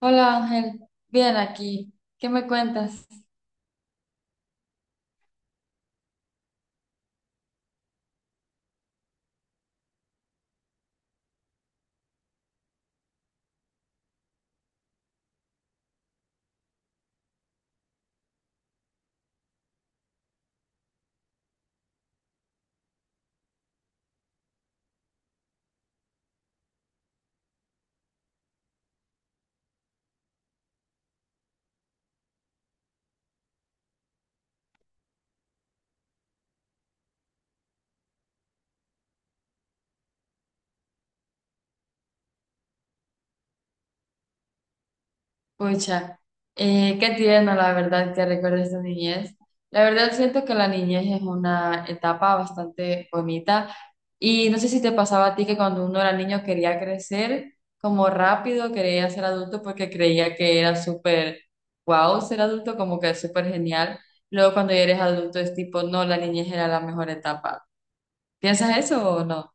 Hola Ángel, bien aquí. ¿Qué me cuentas? Pucha, qué tierno la verdad que recuerdes tu niñez. La verdad siento que la niñez es una etapa bastante bonita y no sé si te pasaba a ti que cuando uno era niño quería crecer como rápido, quería ser adulto porque creía que era súper wow ser adulto, como que súper genial. Luego cuando ya eres adulto es tipo, no, la niñez era la mejor etapa. ¿Piensas eso o no?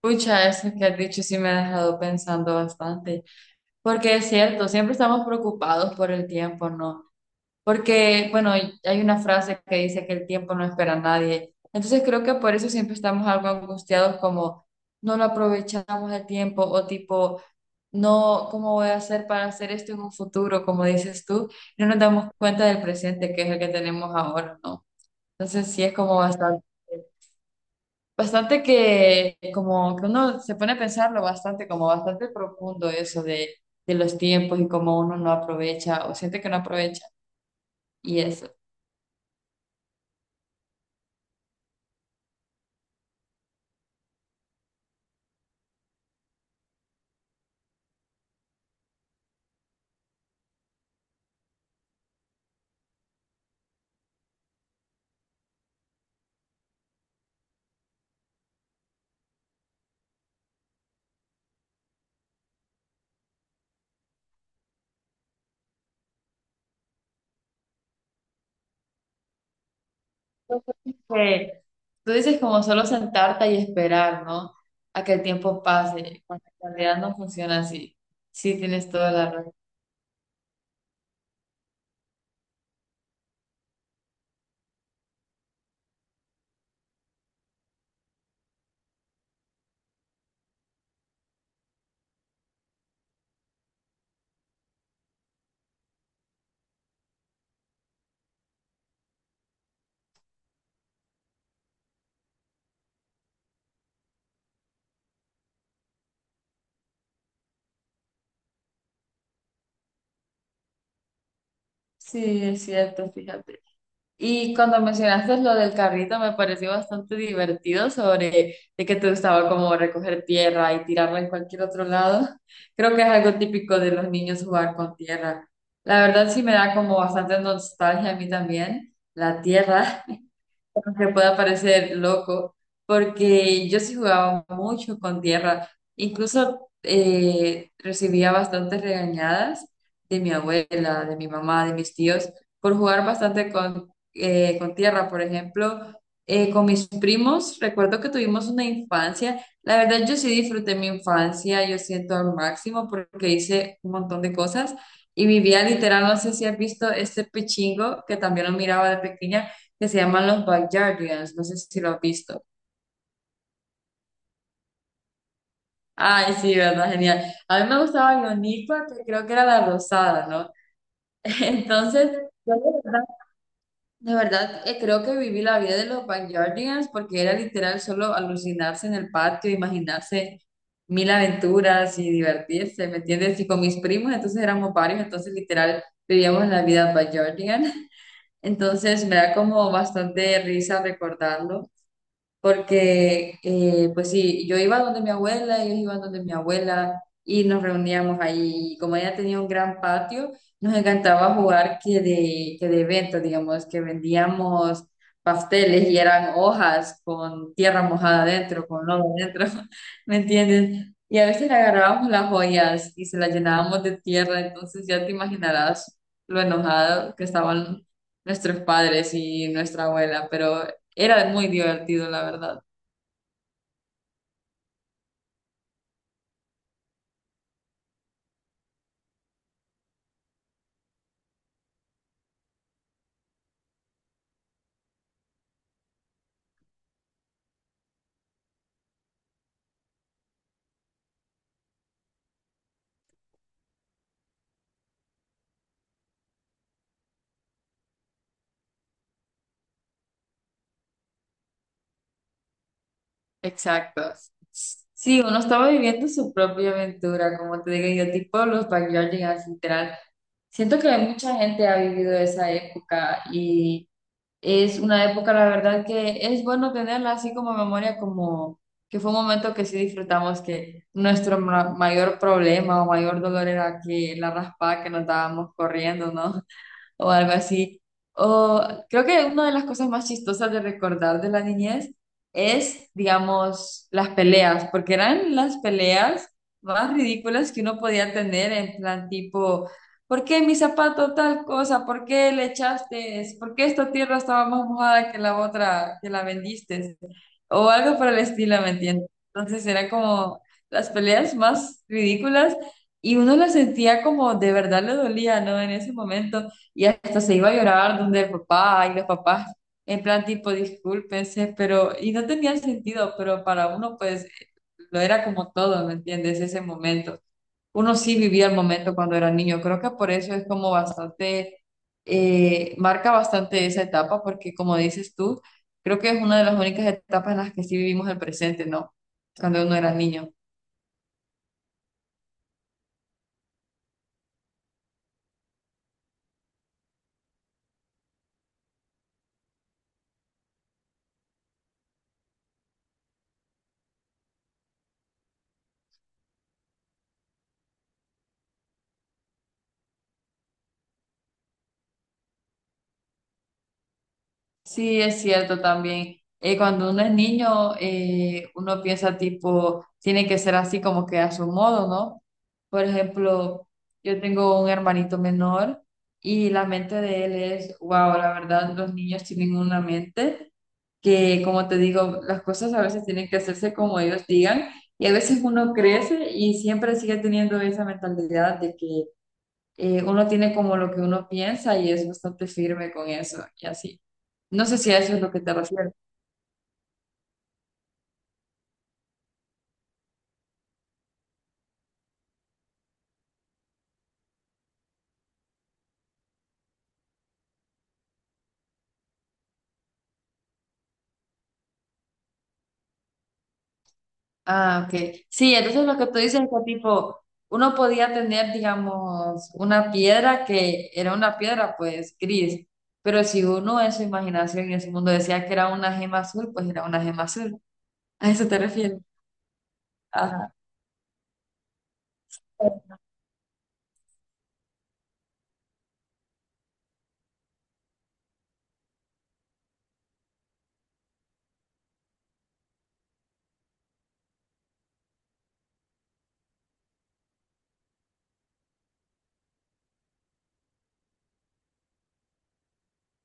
Pucha, eso que has dicho sí me ha dejado pensando bastante, porque es cierto, siempre estamos preocupados por el tiempo, ¿no? Porque, bueno, hay una frase que dice que el tiempo no espera a nadie, entonces creo que por eso siempre estamos algo angustiados como no lo aprovechamos el tiempo o tipo, no, ¿cómo voy a hacer para hacer esto en un futuro? Como dices tú, no nos damos cuenta del presente que es el que tenemos ahora, ¿no? Entonces sí es como bastante. Bastante que como que uno se pone a pensarlo bastante, como bastante profundo eso de los tiempos y cómo uno no aprovecha o siente que no aprovecha y eso. Que tú dices como solo sentarte y esperar, ¿no? A que el tiempo pase, cuando en realidad no funciona así. Sí, tienes toda la razón. Sí, es cierto, fíjate. Y cuando mencionaste lo del carrito, me pareció bastante divertido sobre de que te gustaba como recoger tierra y tirarla en cualquier otro lado. Creo que es algo típico de los niños jugar con tierra. La verdad sí me da como bastante nostalgia a mí también, la tierra que pueda parecer loco, porque yo sí jugaba mucho con tierra, incluso recibía bastantes regañadas de mi abuela, de mi mamá, de mis tíos, por jugar bastante con tierra, por ejemplo. Con mis primos, recuerdo que tuvimos una infancia. La verdad, yo sí disfruté mi infancia, yo siento al máximo porque hice un montón de cosas y vivía literal, no sé si has visto este pichingo que también lo miraba de pequeña, que se llaman los Backyardigans, no sé si lo has visto. Ay, sí, verdad, genial. A mí me gustaba Ionica, que creo que era la rosada, ¿no? Entonces, yo de verdad, creo que viví la vida de los Backyardigans porque era literal solo alucinarse en el patio, imaginarse mil aventuras y divertirse, ¿me entiendes? Y con mis primos, entonces éramos varios, entonces literal vivíamos la vida Backyardigan. Entonces me da como bastante risa recordarlo. Porque pues sí, yo iba donde mi abuela, ellos iban donde mi abuela y nos reuníamos ahí. Y como ella tenía un gran patio, nos encantaba jugar que de eventos, digamos, que vendíamos pasteles y eran hojas con tierra mojada adentro, con lodo adentro, ¿me entiendes? Y a veces le agarrábamos las joyas y se las llenábamos de tierra, entonces ya te imaginarás lo enojado que estaban nuestros padres y nuestra abuela, pero era muy divertido, la verdad. Exacto. Sí, uno estaba viviendo su propia aventura, como te digo yo, tipo los Backyardigans, literal. Siento que mucha gente ha vivido esa época y es una época, la verdad, que es bueno tenerla así como memoria, como que fue un momento que sí disfrutamos, que nuestro mayor problema o mayor dolor era que la raspada que nos dábamos corriendo, ¿no? O algo así. O creo que una de las cosas más chistosas de recordar de la niñez es, digamos, las peleas, porque eran las peleas más ridículas que uno podía tener en plan tipo, ¿por qué mi zapato tal cosa? ¿Por qué le echaste? ¿Por qué esta tierra estaba más mojada que la otra que la vendiste? O algo por el estilo, ¿me entiendes? Entonces era como las peleas más ridículas y uno las sentía como de verdad le dolía, ¿no? En ese momento. Y hasta se iba a llorar donde el papá y los papás, en plan tipo, discúlpense, pero, y no tenía sentido, pero para uno pues lo era como todo, ¿me entiendes? Ese momento. Uno sí vivía el momento cuando era niño, creo que por eso es como bastante, marca bastante esa etapa, porque como dices tú, creo que es una de las únicas etapas en las que sí vivimos el presente, ¿no? Cuando uno era niño. Sí, es cierto también. Cuando uno es niño, uno piensa tipo, tiene que ser así como que a su modo, ¿no? Por ejemplo, yo tengo un hermanito menor y la mente de él es, wow, la verdad, los niños tienen una mente que, como te digo, las cosas a veces tienen que hacerse como ellos digan y a veces uno crece y siempre sigue teniendo esa mentalidad de que uno tiene como lo que uno piensa y es bastante firme con eso y así. No sé si a eso es lo que te refieres. Ah, ok. Sí, entonces lo que tú dices es que tipo, uno podía tener, digamos, una piedra que era una piedra, pues, gris, pero si uno en su imaginación y en su mundo decía que era una gema azul, pues era una gema azul. ¿A eso te refieres? Ajá.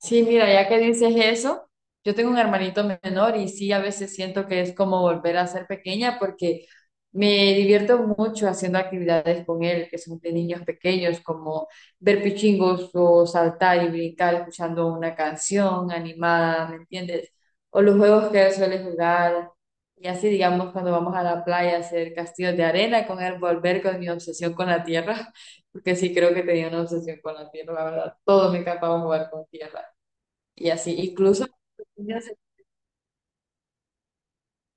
Sí, mira, ya que dices eso, yo tengo un hermanito menor y sí, a veces siento que es como volver a ser pequeña porque me divierto mucho haciendo actividades con él, que son de niños pequeños, como ver pichingos o saltar y brincar escuchando una canción animada, ¿me entiendes? O los juegos que él suele jugar. Y así, digamos, cuando vamos a la playa a hacer castillos de arena con él, volver con mi obsesión con la tierra, porque sí creo que tenía una obsesión con la tierra, la verdad. Todo me encantaba jugar con tierra. Y así, incluso,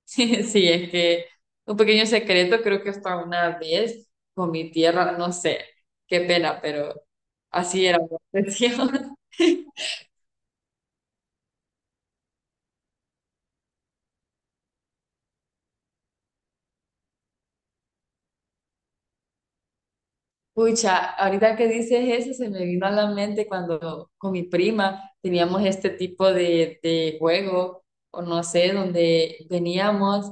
sí, sí, es que un pequeño secreto, creo que hasta una vez con mi tierra, no sé, qué pena, pero así era la cuestión. Pucha, ahorita que dices eso, se me vino a la mente cuando con mi prima teníamos este tipo de juego, o no sé, donde veníamos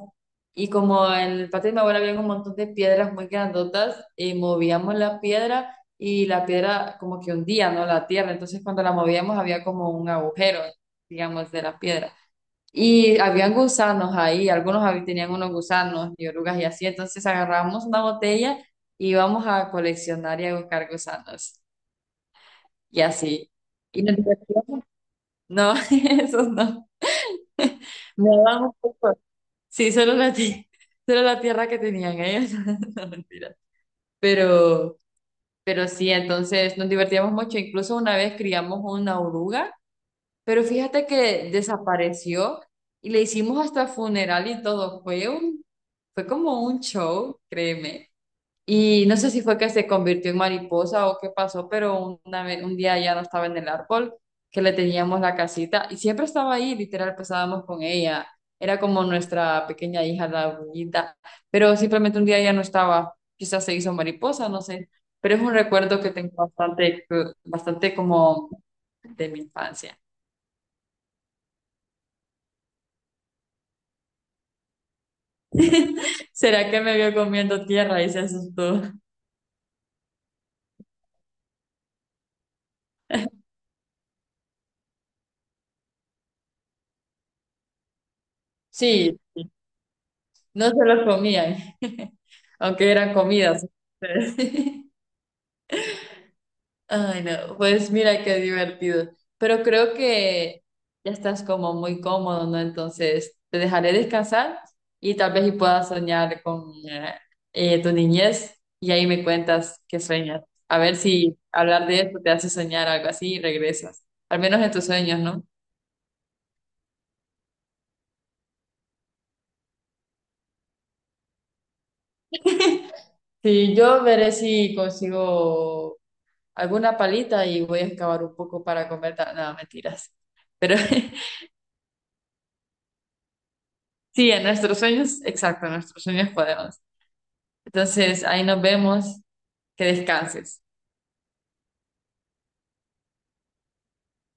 y como en el patio de mi abuela había un montón de piedras muy grandotas, movíamos la piedra y la piedra como que hundía, ¿no? La tierra, entonces cuando la movíamos había como un agujero, digamos, de la piedra. Y habían gusanos ahí, algunos tenían unos gusanos y orugas y así, entonces agarramos una botella y íbamos a coleccionar y a buscar gusanos y así. Y nos divertíamos. No, esos no. Me daban un poco. Sí, solo la tierra que tenían ellos. No, mentira. Pero, pero sí, entonces nos divertíamos mucho. Incluso una vez criamos una oruga. Pero fíjate que desapareció y le hicimos hasta funeral y todo. Fue como un show, créeme. Y no sé si fue que se convirtió en mariposa o qué pasó, pero una vez, un día ya no estaba en el árbol, que le teníamos la casita y siempre estaba ahí, literal, pasábamos con ella. Era como nuestra pequeña hija, la bonita, pero simplemente un día ya no estaba. Quizás se hizo mariposa, no sé. Pero es un recuerdo que tengo bastante, bastante como de mi infancia. ¿Será que me vio comiendo tierra y se asustó? Sí, no se lo comían, aunque eran comidas. Ay, no, pues mira qué divertido. Pero creo que ya estás como muy cómodo, ¿no? Entonces te dejaré descansar y tal vez y puedas soñar con tu niñez y ahí me cuentas qué sueñas. A ver si hablar de esto te hace soñar algo así y regresas. Al menos en tus sueños, ¿no? Sí, yo veré si consigo alguna palita y voy a excavar un poco para comer. No, mentiras. Pero sí, en nuestros sueños, exacto, en nuestros sueños podemos. Entonces, ahí nos vemos. Que descanses.